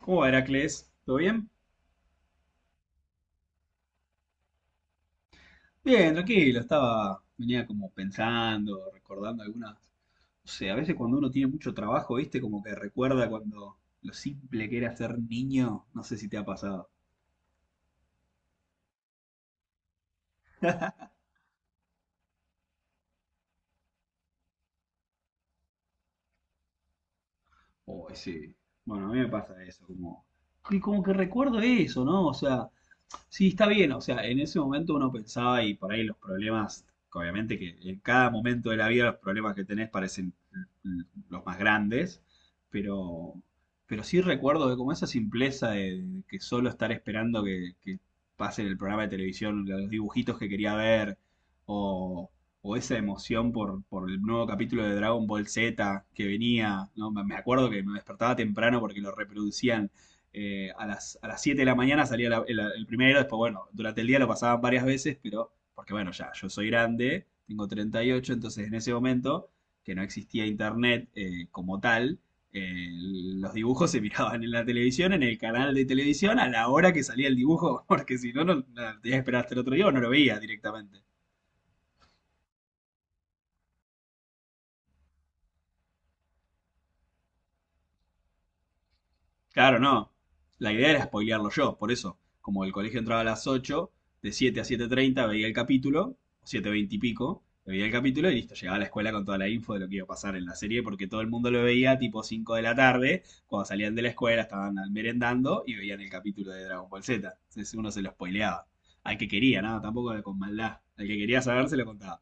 ¿Cómo va, Heracles? ¿Todo bien? Bien, tranquilo, estaba, venía como pensando, recordando algunas, no sé, a veces cuando uno tiene mucho trabajo, ¿viste? Como que recuerda cuando lo simple que era ser niño, no sé si te ha pasado. O ese, bueno, a mí me pasa eso, como, y como que recuerdo eso, ¿no? O sea, sí, está bien, o sea, en ese momento uno pensaba y por ahí los problemas, obviamente que en cada momento de la vida los problemas que tenés parecen l- los más grandes, pero, pero, sí recuerdo que como esa simpleza de, que solo estar esperando que pase el programa de televisión, los dibujitos que quería ver, o, o, esa emoción por el nuevo capítulo de Dragon Ball Z que venía, ¿no? Me acuerdo que me despertaba temprano porque lo reproducían a las 7 de la mañana, salía el primero, después, bueno, durante el día lo pasaban varias veces, pero porque, bueno, ya, yo soy grande, tengo 38, entonces en ese momento, que no existía internet como tal, los dibujos se miraban en la televisión, en el canal de televisión, a la hora que salía el dibujo, porque si no, no, no, tenía que esperar hasta el otro día o no lo veía directamente. Claro, no. La idea era spoilearlo yo, por eso. Como el colegio entraba a las 8, de 7 a 7:30 veía el capítulo, o 7:20 y pico, veía el capítulo y listo, llegaba a la escuela con toda la info de lo que iba a pasar en la serie, porque todo el mundo lo veía tipo 5 de la tarde, cuando salían de la escuela, estaban merendando y veían el capítulo de Dragon Ball Z. Entonces uno se lo spoileaba. Al que quería, nada, tampoco con maldad. Al que quería saber se lo contaba.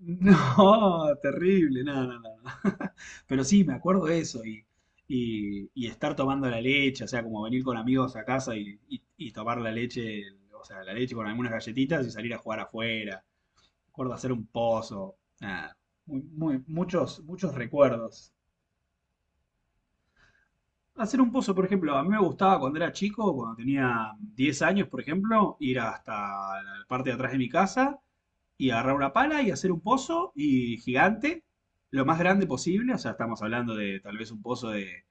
No, terrible, no, no, no. Pero sí, me acuerdo de eso y, y estar tomando la leche, o sea, como venir con amigos a casa y, y tomar la leche, o sea, la leche con algunas galletitas y salir a jugar afuera. Me acuerdo hacer un pozo, nada, muy, muchos, muchos recuerdos. Hacer un pozo, por ejemplo, a mí me gustaba cuando era chico, cuando tenía 10 años, por ejemplo, ir hasta la parte de atrás de mi casa y agarrar una pala y hacer un pozo y gigante, lo más grande posible, o sea, estamos hablando de tal vez un pozo de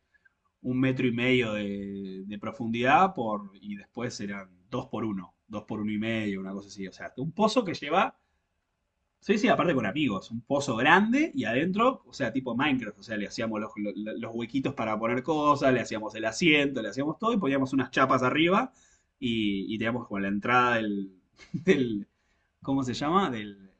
un metro y medio de profundidad por, y después eran dos por uno y medio, una cosa así, o sea, un pozo que lleva. Sí, sí, aparte con amigos, un pozo grande y adentro, o sea, tipo Minecraft, o sea, le hacíamos los, los huequitos para poner cosas, le hacíamos el asiento, le hacíamos todo y poníamos unas chapas arriba y teníamos como la entrada del, del- ¿cómo se llama? Del,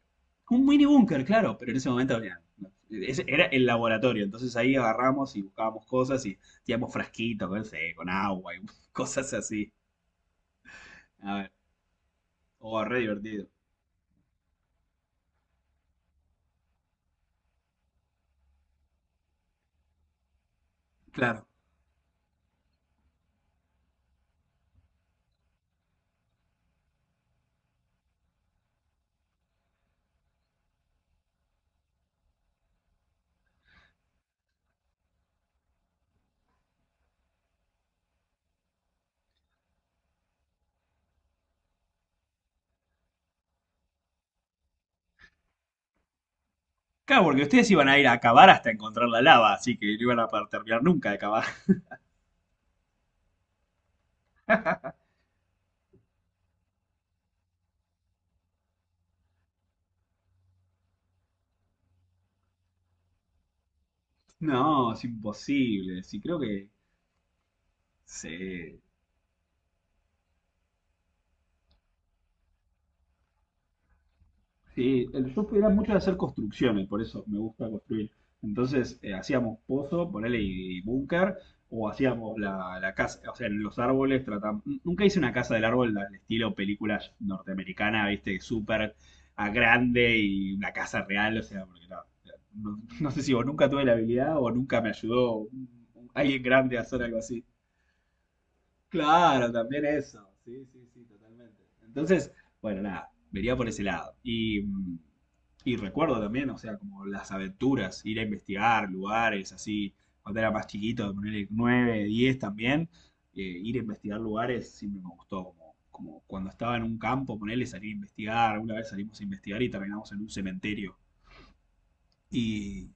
un mini búnker, claro, pero en ese momento había- ese era el laboratorio, entonces ahí agarramos y buscábamos cosas y teníamos frasquitos, no sé, con agua y cosas así. A ver, oh, re divertido. Claro. Claro, porque ustedes iban a ir a cavar hasta encontrar la lava, así que no iban a poder terminar nunca de cavar. No, es imposible. Sí, creo que. Sí. Sí, el, yo era mucho de hacer construcciones, por eso me gusta construir. Entonces hacíamos pozo, ponele y búnker, o hacíamos la, la casa, o sea, en los árboles tratamos. Nunca hice una casa del árbol al estilo película norteamericana, viste, súper a grande y una casa real, o sea, porque no, no, no sé si o nunca tuve la habilidad o nunca me ayudó alguien grande a hacer algo así. Claro, también eso. Sí, sí, sí, totalmente. Entonces, bueno, nada, vería por ese lado. Y, y recuerdo también, o sea, como las aventuras, ir a investigar lugares así, cuando era más chiquito, ponerle 9, 10 también, ir a investigar lugares siempre me gustó, como, como cuando estaba en un campo, ponerle salir a investigar, una vez salimos a investigar y terminamos en un cementerio. Y,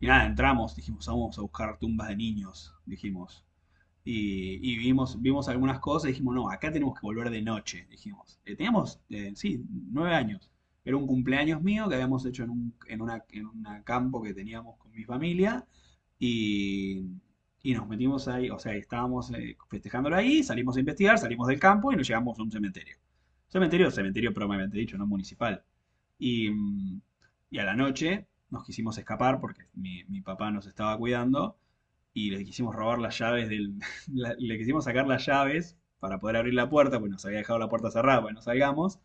y nada, entramos, dijimos, vamos a buscar tumbas de niños, dijimos y, y vimos algunas cosas y dijimos, no, acá tenemos que volver de noche, dijimos. Teníamos, sí, 9 años. Era un cumpleaños mío que habíamos hecho en una campo que teníamos con mi familia y, y nos metimos ahí, o sea, estábamos festejándolo ahí, salimos a investigar, salimos del campo y nos llegamos a un cementerio. Cementerio, cementerio probablemente dicho, no municipal. Y, mm, y a la noche nos quisimos escapar porque mi papá nos estaba cuidando y le quisimos robar las llaves del. Le quisimos sacar las llaves para poder abrir la puerta, pues nos había dejado la puerta cerrada para no salgamos.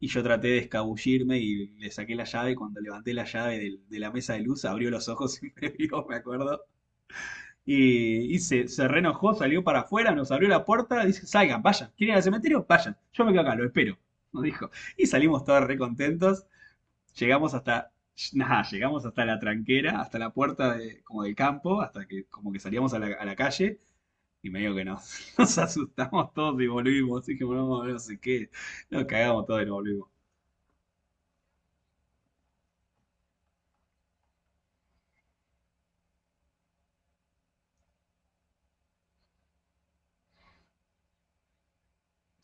Y yo traté de escabullirme y le saqué la llave. Cuando levanté la llave de la mesa de luz, abrió los ojos y me vio, me acuerdo. Y se reenojó, salió para afuera, nos abrió la puerta. Dice: Salgan, vayan. ¿Quieren ir al cementerio? Vayan. Yo me quedo acá, lo espero. Nos dijo. Y salimos todos re contentos. Llegamos hasta, nada, llegamos hasta la tranquera, hasta la puerta de, como del campo, hasta que como que salíamos a la calle y medio que nos, nos asustamos todos y volvimos. Así que volvemos, no sé qué, nos cagamos todos y nos volvimos.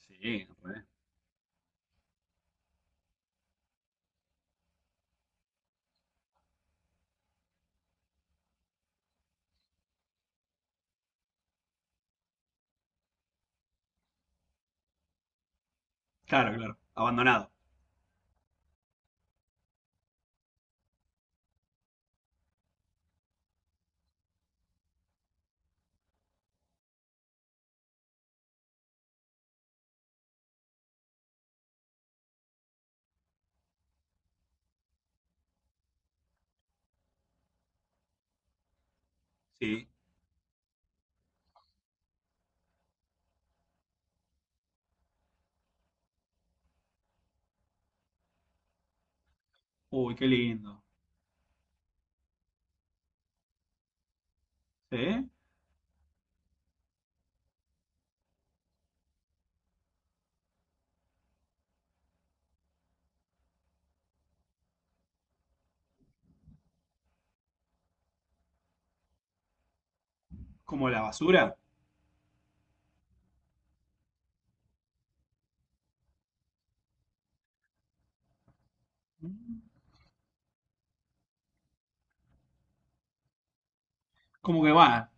Sí, re. Claro, claro, abandonado. Sí, uy, qué lindo. ¿Sí? Como la basura. Mm. Como que va,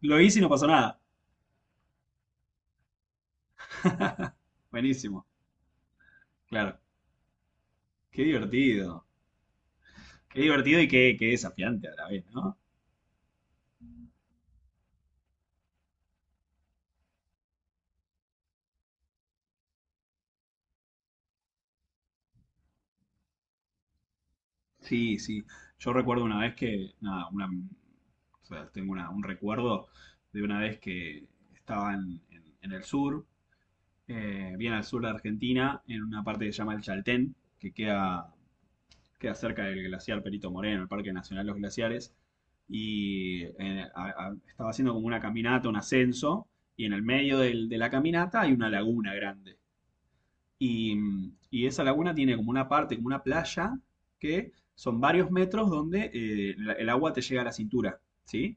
lo hice y no pasó nada. Buenísimo, claro. Qué divertido. Qué divertido y qué, qué desafiante a la vez, ¿no? Sí, sí. Yo recuerdo una vez que, nada, una, o sea, tengo un recuerdo de una vez que estaba en, en el sur, bien al sur de Argentina, en una parte que se llama el Chaltén, que queda, queda cerca del glaciar Perito Moreno, el Parque Nacional Los Glaciares, y estaba haciendo como una caminata, un ascenso, y en el medio de la caminata hay una laguna grande. Y, y esa laguna tiene como una parte, como una playa, que son varios metros donde el agua te llega a la cintura, ¿sí?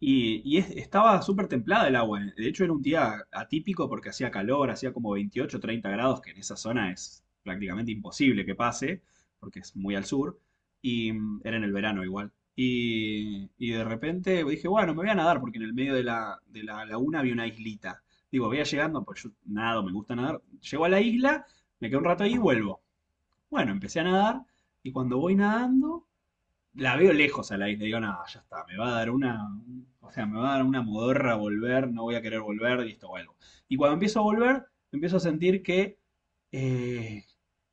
Y estaba súper templada el agua. De hecho, era un día atípico porque hacía calor, hacía como 28 30 grados, que en esa zona es prácticamente imposible que pase, porque es muy al sur. Y era en el verano igual. Y de repente dije, bueno, me voy a nadar porque en el medio de la laguna había una islita. Digo, voy a llegando, pues yo nado, me gusta nadar. Llego a la isla, me quedo un rato ahí y vuelvo. Bueno, empecé a nadar y cuando voy nadando la veo lejos a la isla, digo, nada, ya está, me va a dar una, o sea, me va a dar una modorra volver, no voy a querer volver, listo, vuelvo. Y cuando empiezo a volver, empiezo a sentir que, eh,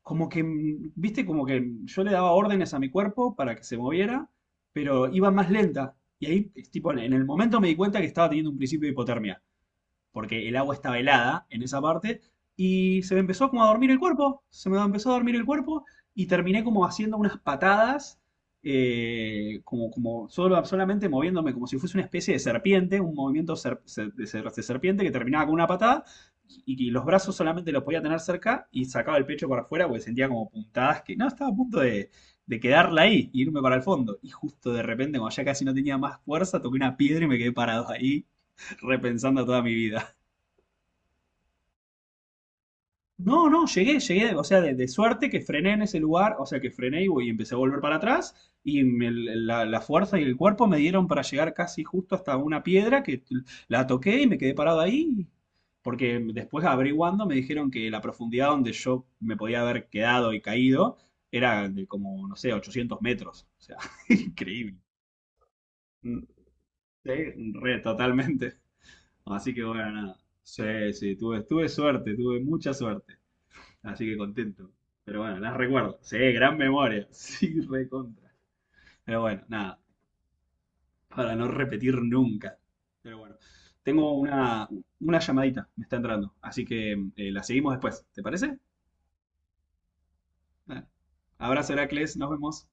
como que, viste, como que yo le daba órdenes a mi cuerpo para que se moviera, pero iba más lenta. Y ahí, es tipo, en el momento me di cuenta que estaba teniendo un principio de hipotermia porque el agua estaba helada en esa parte, y se me empezó como a dormir el cuerpo, se me empezó a dormir el cuerpo, y terminé como haciendo unas patadas, como, como solo, solamente moviéndome como si fuese una especie de serpiente, un movimiento de serpiente que terminaba con una patada, y los brazos solamente los podía tener cerca, y sacaba el pecho para afuera porque sentía como puntadas que, no, estaba a punto de quedarla ahí, y irme para el fondo. Y justo de repente, cuando ya casi no tenía más fuerza, toqué una piedra y me quedé parado ahí, repensando toda mi vida. No, no, llegué, o sea, de suerte que frené en ese lugar, o sea, que frené y, y empecé a volver para atrás y la fuerza y el cuerpo me dieron para llegar casi justo hasta una piedra que la toqué y me quedé parado ahí, porque después averiguando me dijeron que la profundidad donde yo me podía haber quedado y caído era de como, no sé, 800 metros, o sea, increíble. Mm, sí, re, totalmente. Así que bueno, nada. Sí, sí, tuve suerte, tuve mucha suerte. Así que contento. Pero bueno, las recuerdo. Sí, gran memoria. Sí, recontra. Pero bueno, nada. Para no repetir nunca. Pero bueno. Tengo una llamadita. Me está entrando. Así que la seguimos después. ¿Te parece? Bueno. Abrazo, Heracles. Nos vemos.